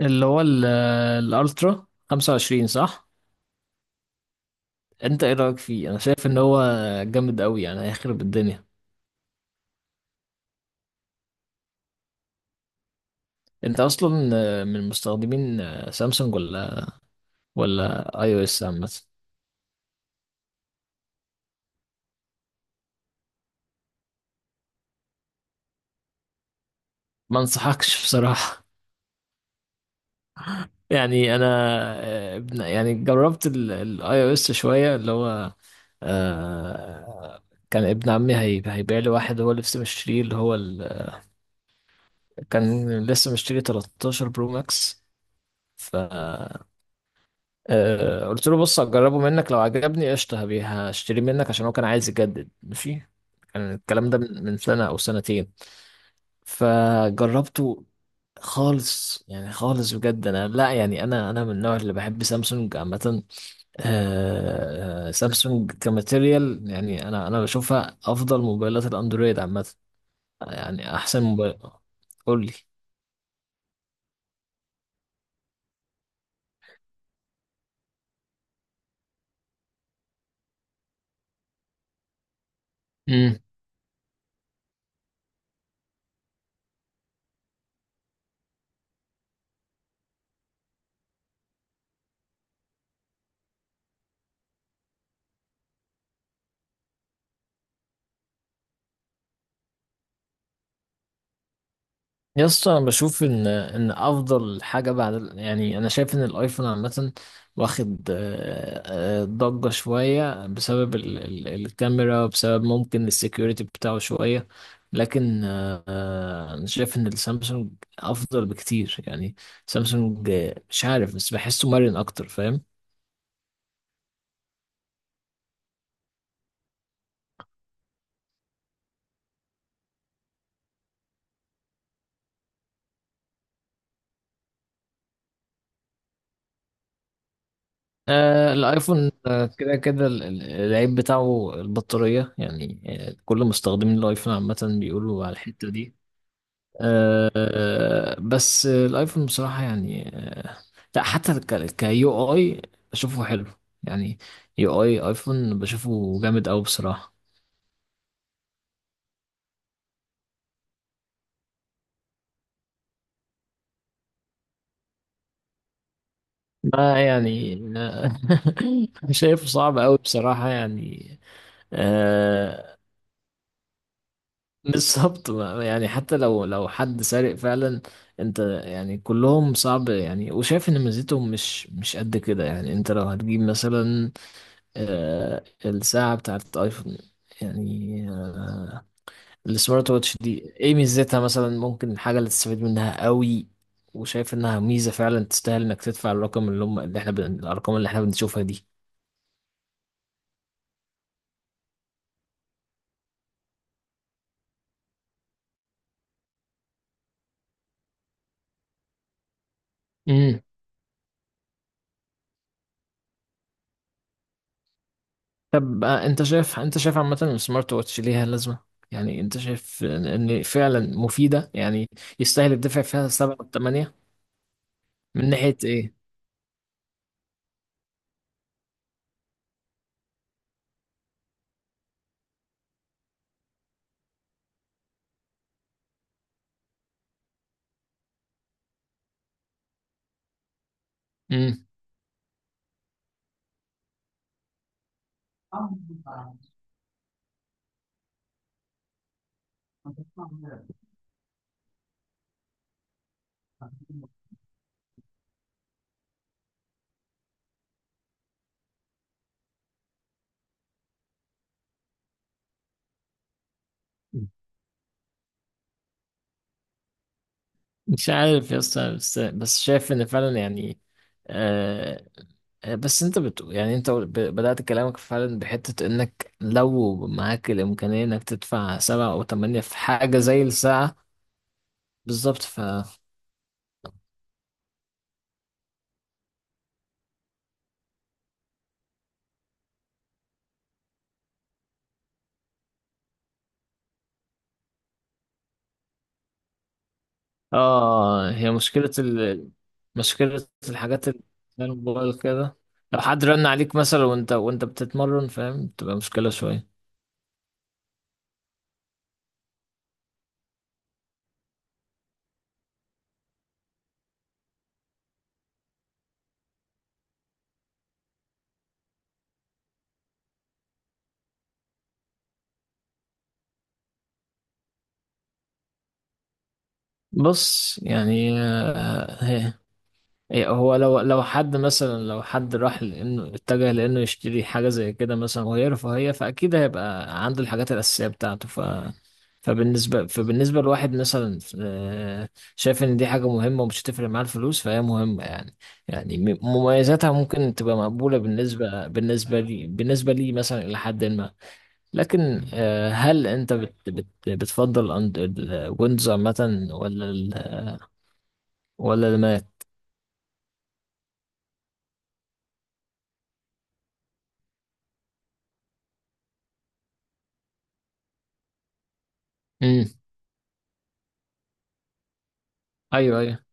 اللي هو ال- الالترا 25، صح؟ انت ايه رايك فيه؟ انا شايف ان هو جامد قوي، يعني هيخرب الدنيا. انت اصلا من مستخدمين سامسونج، ولا اي او اس عامه؟ ما انصحكش بصراحه. يعني انا، يعني جربت الاي او اس شويه، اللي هو آه، كان ابن عمي هيبيع لي واحد، هو لسه مشتريه اللي هو ال... كان لسه مشتري 13 برو ماكس. ف قلت له بص هجربه منك، لو عجبني قشطة هشتري منك، عشان هو كان عايز يجدد، ماشي. كان الكلام ده من سنة أو سنتين، فجربته. خالص، يعني خالص بجد. أنا لا، يعني أنا من النوع اللي بحب سامسونج عامة. سامسونج كماتيريال، يعني أنا بشوفها أفضل موبايلات الأندرويد عامة، يعني أحسن موبايل. قول لي يا اسطى، انا بشوف ان افضل حاجه بعد يعني انا شايف ان الايفون عامه واخد ضجه شويه بسبب ال ال الكاميرا، بسبب ممكن السكيورتي بتاعه شويه، لكن انا شايف ان السامسونج افضل بكتير يعني. سامسونج، مش عارف، بس بحسه مرن اكتر، فاهم؟ آه الايفون، كده كده العيب بتاعه البطارية، يعني كل مستخدمين الايفون عامة بيقولوا على الحتة دي. بس الايفون بصراحة، يعني لا، حتى كيو اي بشوفه حلو، يعني يو اي ايفون بشوفه جامد قوي بصراحة. ما يعني آه، شايفه صعب قوي بصراحة، يعني آه، بالظبط. يعني حتى لو حد سارق فعلا، انت يعني كلهم صعب، يعني وشايف ان ميزتهم مش قد كده. يعني انت لو هتجيب مثلا الساعة بتاعت ايفون، يعني السمارت واتش دي ايه ميزتها مثلا؟ ممكن الحاجة اللي تستفيد منها قوي، وشايف انها ميزة فعلا تستاهل انك تدفع الرقم اللي هم اللي احنا الارقام اللي احنا بنشوفها دي. امم. طب، انت شايف، عامة السمارت واتش ليها لازمة؟ يعني انت شايف ان فعلا مفيدة، يعني يستاهل الدفع فيها سبعة وثمانية، من ناحية ايه؟ امم. مش عارف يا اسطى، بس شايف ان فعلا يعني آه، بس انت يعني انت بدأت كلامك فعلا بحتة انك لو معاك الامكانية انك تدفع سبعة او تمانية في حاجة زي الساعة. بالظبط، ف اه هي مشكلة الحاجات اللي زي الموبايل كده. لو حد رن عليك مثلا وانت بتتمرن، فاهم؟ تبقى مشكلة شوية. بص، يعني إيه، هو لو حد مثلا، لو حد راح لانه اتجه لانه يشتري حاجه زي كده مثلا، وهي رفاهيه، فاكيد هيبقى عنده الحاجات الاساسيه بتاعته، ف فبالنسبه لواحد مثلا، شايف ان دي حاجه مهمه ومش هتفرق معاه الفلوس، فهي مهمه يعني. يعني مميزاتها ممكن تبقى مقبوله بالنسبه لي مثلا، الى حد ما. لكن هل انت بت بتفضل الويندوز عامه، ولا ال، ولا الماك؟ امم، ايوه ايوه.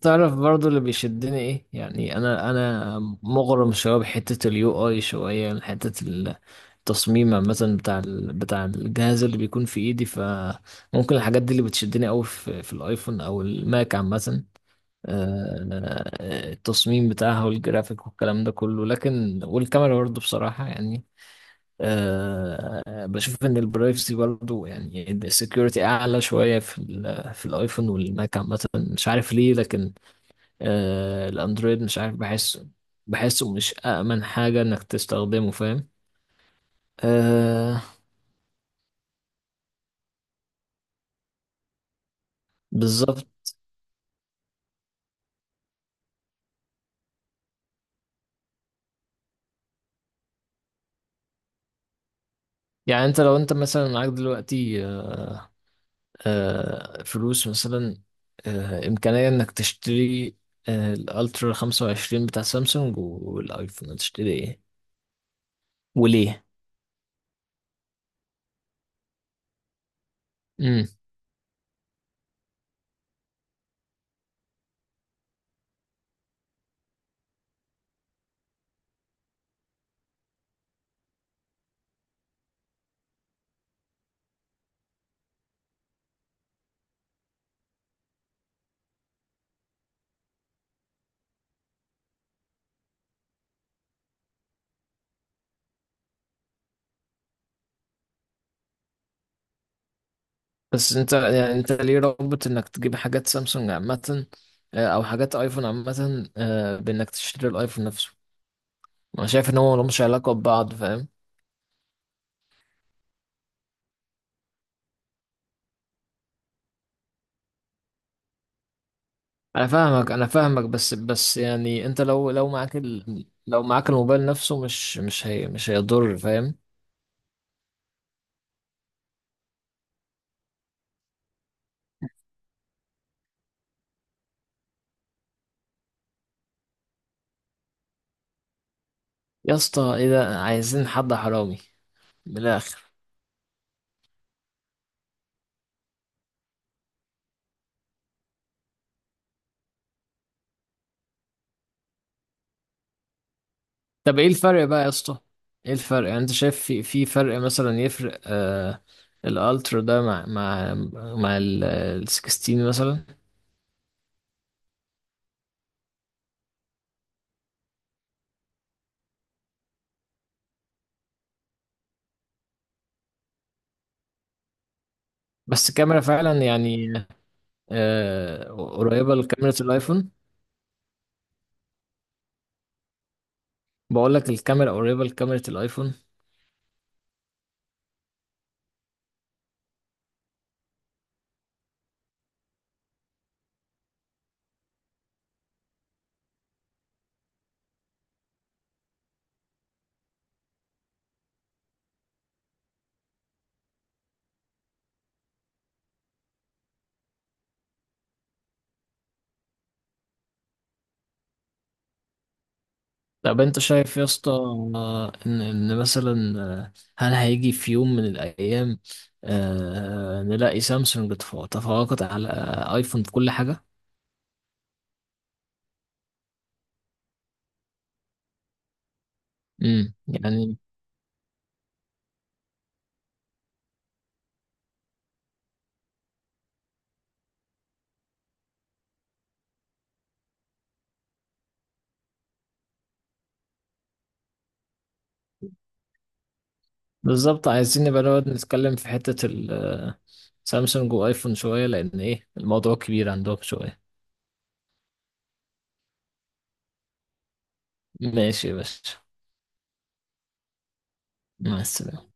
تعرف، برضو اللي بيشدني ايه؟ يعني انا مغرم شويه بحته اليو اي شويه، يعني حته التصميم عامه بتاع بتاع الجهاز اللي بيكون في ايدي، فممكن الحاجات دي اللي بتشدني قوي في الايفون او الماك عامه. التصميم بتاعها والجرافيك والكلام ده كله، لكن والكاميرا برضو بصراحه يعني، بشوف ان البرايفسي برضو، يعني السكيورتي اعلى شويه في الايفون والماك عامه، مش عارف ليه. لكن آه الاندرويد، مش عارف، بحسه مش أأمن حاجة انك تستخدمه، فاهم؟ آه، بالظبط. يعني انت لو مثلا معاك دلوقتي آه، فلوس مثلا، امكانية انك تشتري الالترا 25 بتاع سامسونج والايفون، هتشتري ايه، وليه؟ امم. بس انت، يعني انت ليه رابط انك تجيب حاجات سامسونج عامة، او حاجات ايفون عامة، بانك تشتري الايفون نفسه؟ انا شايف ان هو ملهمش علاقة ببعض، فاهم؟ انا فاهمك، بس يعني انت لو لو معاك الموبايل نفسه مش هيضر، فاهم؟ يا اسطى ايه ده، عايزين حد حرامي من الاخر. طب ايه الفرق بقى يا اسطى؟ ايه الفرق؟ يعني انت شايف في فرق مثلا، يفرق الالترا ده مع مع ال 16 مثلا؟ بس الكاميرا فعلا يعني قريبة لكاميرا الايفون. بقول لك الكاميرا قريبة لكاميرا الايفون. طب انت شايف يا اسطى، ان ان مثلا آه، هل هيجي في يوم من الايام نلاقي سامسونج تفوقت على ايفون في كل حاجه؟ امم، يعني بالظبط. عايزين نبقى نقعد نتكلم في حته سامسونج وايفون شويه، لان ايه الموضوع كبير عندهم شويه. ماشي يا باشا، مع السلامه.